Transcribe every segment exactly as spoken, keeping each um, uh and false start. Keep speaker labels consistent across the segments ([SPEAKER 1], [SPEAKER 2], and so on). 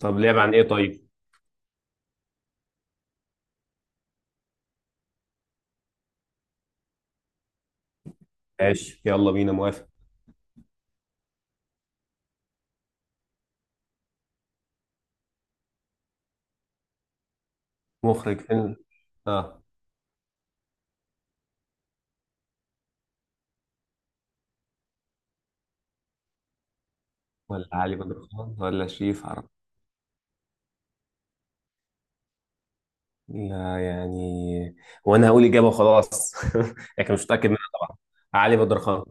[SPEAKER 1] طب لعب عن ايه طيب؟ ماشي، يلا بينا، موافق. مخرج فيلم. اه، ولا علي بدر خان ولا شريف عرب. لا، يعني. وانا هقول اجابه وخلاص، لكن مش متاكد منها طبعا. علي بدر خان.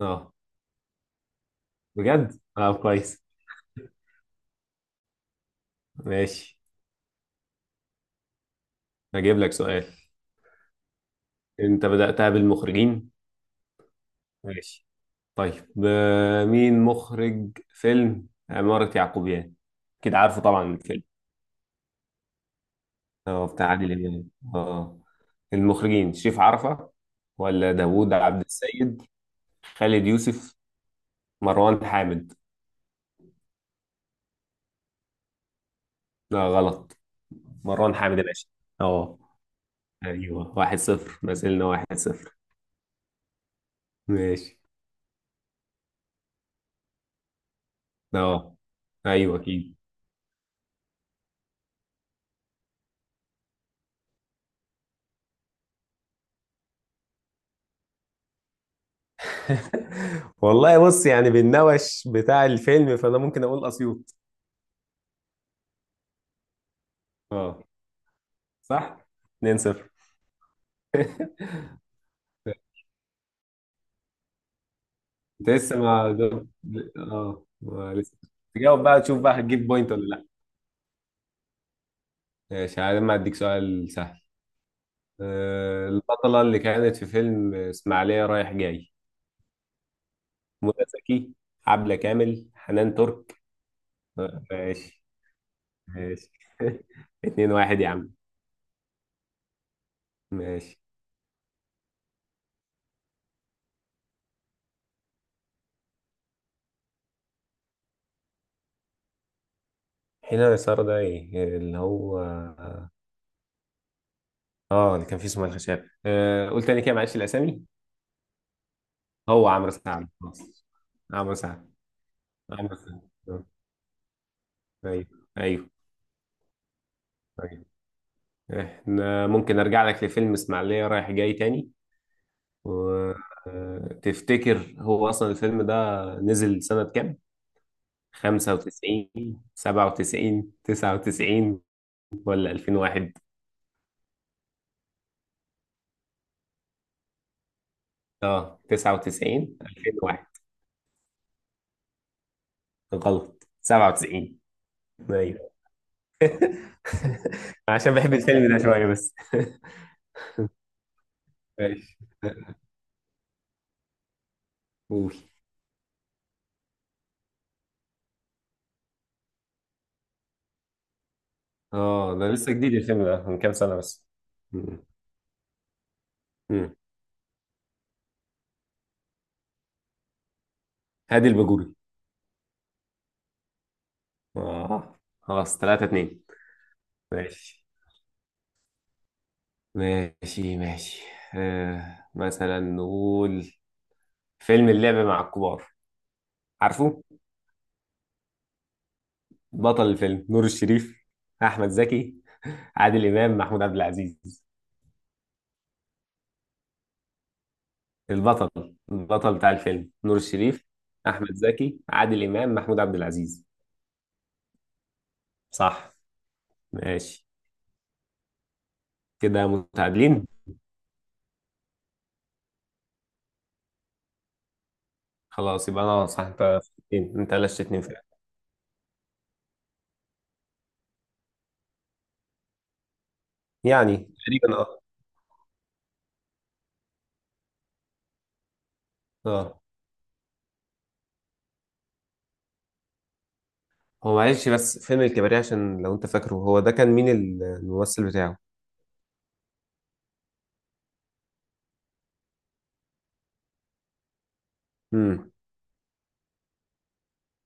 [SPEAKER 1] اه، بجد؟ اه، كويس. ماشي. هجيب لك سؤال. انت بدأتها بالمخرجين. ماشي. طيب، ب- مين مخرج فيلم عمارة يعقوبيان؟ كده عارفه طبعا. اه، بتاع عادل امام. اه. المخرجين شريف عرفة، ولا داوود عبد السيد، خالد يوسف، مروان حامد. لا، غلط. مروان حامد يا باشا. اه. ايوه، واحد صفر، ما زلنا واحد صفر. ماشي. اه. ايوه، اكيد. والله بص، يعني بالنوش بتاع الفيلم، فانا ممكن اقول اسيوط. اه، صح. اتنين صفر. انت لسه ما جاوب- اه، ما لسه. تجاوب بقى تشوف بقى هتجيب بوينت ولا. ماشي، عادي، ما اديك سؤال سهل. آه، البطلة اللي كانت في فيلم إسماعيلية رايح جاي، منى زكي، عبلة كامل، حنان ترك؟ آه، ماشي. ماشي. اتنين واحد يا عم. ماشي. هنا يسار ده ايه اللي هو؟ اه، اللي كان فيه اسمه الخشاب. آه، قول تاني كده، معلش الاسامي. هو عمرو سعد خلاص. عمرو سعد. عمرو سعد. آه. ايوه، ايوه، ايوه. احنا ممكن ارجع لك لفيلم اسماعيلية رايح جاي تاني. وتفتكر هو أصلا الفيلم ده نزل سنة كام؟ خمسة وتسعين سبعة وتسعين تسعة وتسعين ولا الفين وواحد. اه، تسعة وتسعين الفين وواحد. غلط، سبعة وتسعين. ايوه. عشان بحب الفيلم ده شوية بس. ماشي. قول. اه، ده لسه جديد، الفيلم ده من كام سنة بس. مم. مم. هادي الباجوري. اه، خلاص. ثلاثة اتنين. ماشي، ماشي، ماشي. آه مثلا نقول فيلم اللعب مع الكبار. عارفه. بطل الفيلم نور الشريف، احمد زكي، عادل امام، محمود عبد العزيز؟ البطل البطل بتاع الفيلم نور الشريف، احمد زكي، عادل امام، محمود عبد العزيز. صح. ماشي. كده متعادلين. خلاص، يبقى انا صح. انت غششتني. انت غششتني فعلا. يعني تقريبا، اه. اه. هو معلش، بس فيلم الكباريه عشان لو انت فاكره، هو ده كان مين ال- الممثل بتاعه؟ امم.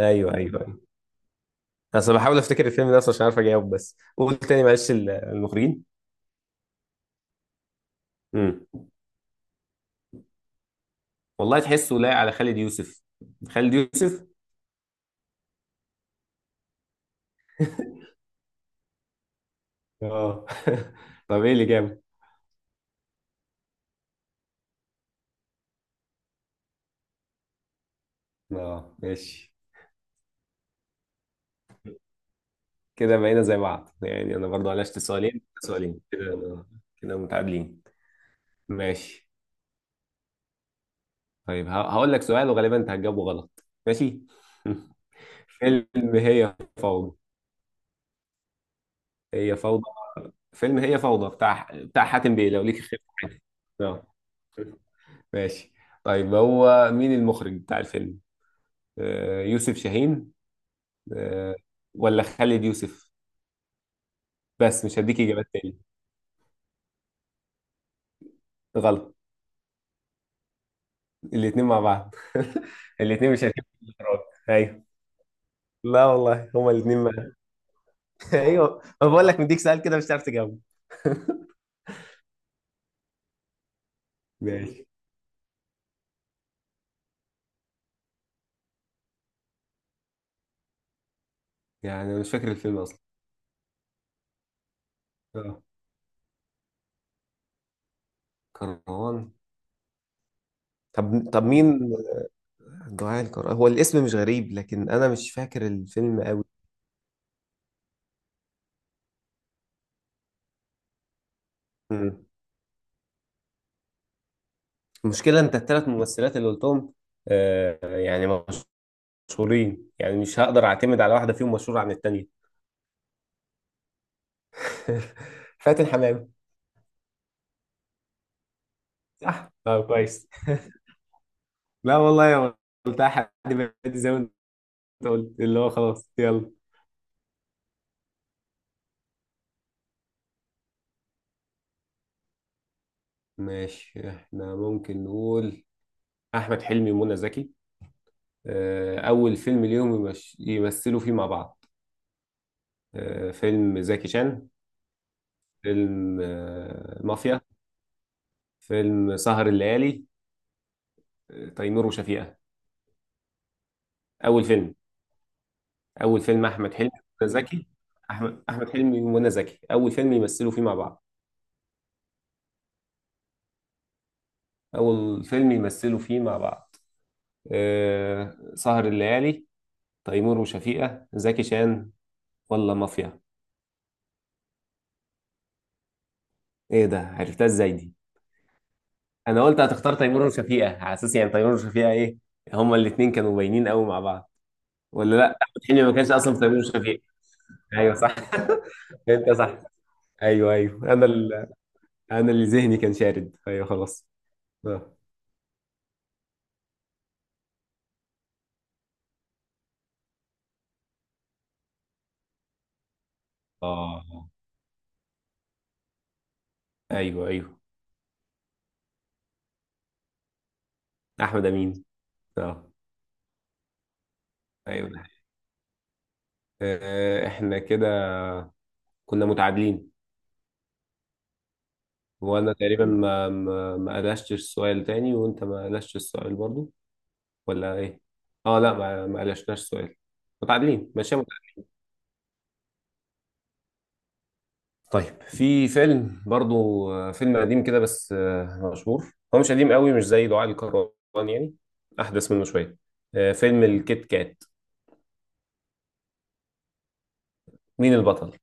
[SPEAKER 1] ايوه، ايوه، ايوه. اصل بحاول افتكر الفيلم ده اصلا عشان عارف اجاوب، بس قول تاني معلش ال- المخرجين. امم. والله تحسه لايق على خالد يوسف. خالد يوسف. اه. طب، ايه اللي جاب؟ اه، ماشي. كده بقينا زي بعض، يعني انا برضو علشت سؤالين سؤالين كده، أنا- كده متعادلين. ماشي. طيب، ه- هقول لك سؤال وغالبا انت هتجاوبه غلط، ماشي. فيلم هي فوضى. هي فوضى. فيلم هي فوضى بتاع بتاع حاتم بيه، لو ليك خير في حياتي. اه. ماشي. طيب، هو مين المخرج بتاع الفيلم؟ آه، يوسف شاهين. آه. ولا خالد يوسف؟ بس مش هديك اجابات تاني. غلط. الاتنين مع بعض. الاتنين مش هتجيب في الإخراج. ايوه. لا والله، هما الاتنين مع. ايوه، ما بقول لك مديك سؤال كده مش هتعرف تجاوب. ماشي. يعني أنا مش فاكر الفيلم اصلا. اه، كروان. طب طب مين. دعاء الكروان، هو الاسم مش غريب، لكن انا مش فاكر الفيلم قوي. مم. المشكله، انت الثلاث ممثلات اللي قلتهم، آه، يعني مشهورين، يعني مش هقدر اعتمد على واحده فيهم مشهوره عن التانيه. فاتن حمامه. صح، اه، كويس. لا والله يا، قلتها حد بيدي زي ما انت قلت اللي هو خلاص، يلا. ماشي، احنا ممكن نقول احمد حلمي ومنى زكي، آه، اول فيلم ليهم يمش... يمثلوا فيه مع بعض. آه، فيلم زكي شان، فيلم آه، مافيا، فيلم سهر الليالي، آه، تيمور وشفيقة؟ اول فيلم. اول فيلم احمد حلمي ومنى زكي. احمد احمد حلمي ومنى زكي، اول فيلم يمثلوا فيه مع بعض. اول فيلم يمثلوا فيه مع بعض. أه... سهر الليالي، تيمور وشفيقة، زكي شان، ولا مافيا. ايه ده، عرفتها ازاي دي؟ انا قلت هتختار تيمور وشفيقة على اساس، يعني تيمور وشفيقة ايه، هما الاتنين كانوا باينين قوي مع بعض. ولا لا، احمد حلمي ما كانش اصلا في تيمور وشفيقة. ايوه، صح. انت صح. ايوه، ايوه، انا ال... انا اللي ذهني كان شارد، ايوه، خلاص. اه. آه. ايوه، ايوه، احمد امين. اه. ايوه، ده حقيقي. آه، احنا كده كنا متعادلين. وانا تقريبا ما ما ما قلشتش السؤال تاني، وانت ما قلشتش السؤال برضو، ولا ايه؟ اه، لا، ما ما قلشناش السؤال. متعادلين، ماشي، متعادلين. طيب في فيلم برضو، آه، فيلم قديم كده، بس آه، مشهور، هو مش قديم قوي، مش زي دعاء الكروان يعني، احدث منه شويه. آه، فيلم الكيت كات. مين البطل؟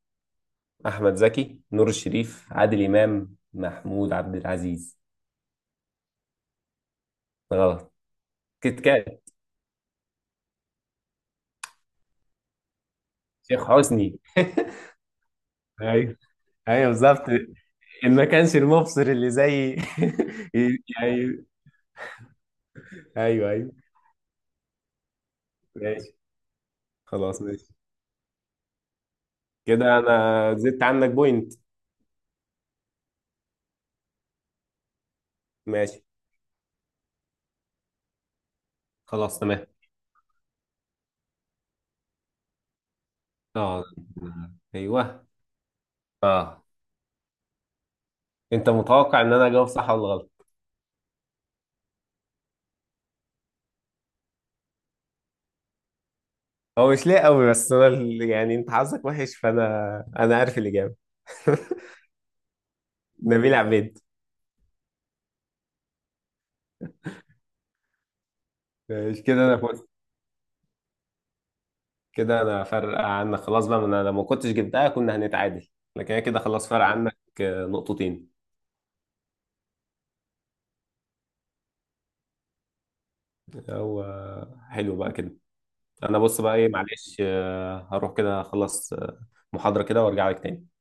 [SPEAKER 1] احمد زكي، نور الشريف، عادل امام، محمود عبد العزيز؟ غلط. كيت كات. شيخ حسني. ايوه. ايوه، بالظبط. إن ما كانش المبصر اللي زي. ايوه، ايوه، ايوه. ماشي. خلاص، ماشي. كده انا زدت عنك بوينت. ماشي، خلاص، تمام. اه. ايوه. اه، انت متوقع ان انا اجاوب صح ولا غلط؟ هو مش ليه قوي، بس انا ال- يعني انت حظك وحش، فانا انا عارف الاجابه. نبيل عبيد. ماشي، كده انا، كده انا فارقه عنك خلاص بقى، ما انا لو ما كنتش جبتها كنا هنتعادل، لكن هي كده خلاص فارقه عنك آه، نقطتين. هو حلو بقى كده. انا بص بقى ايه، معلش، آه، هروح كده اخلص آه، محاضرة كده وارجع لك تاني.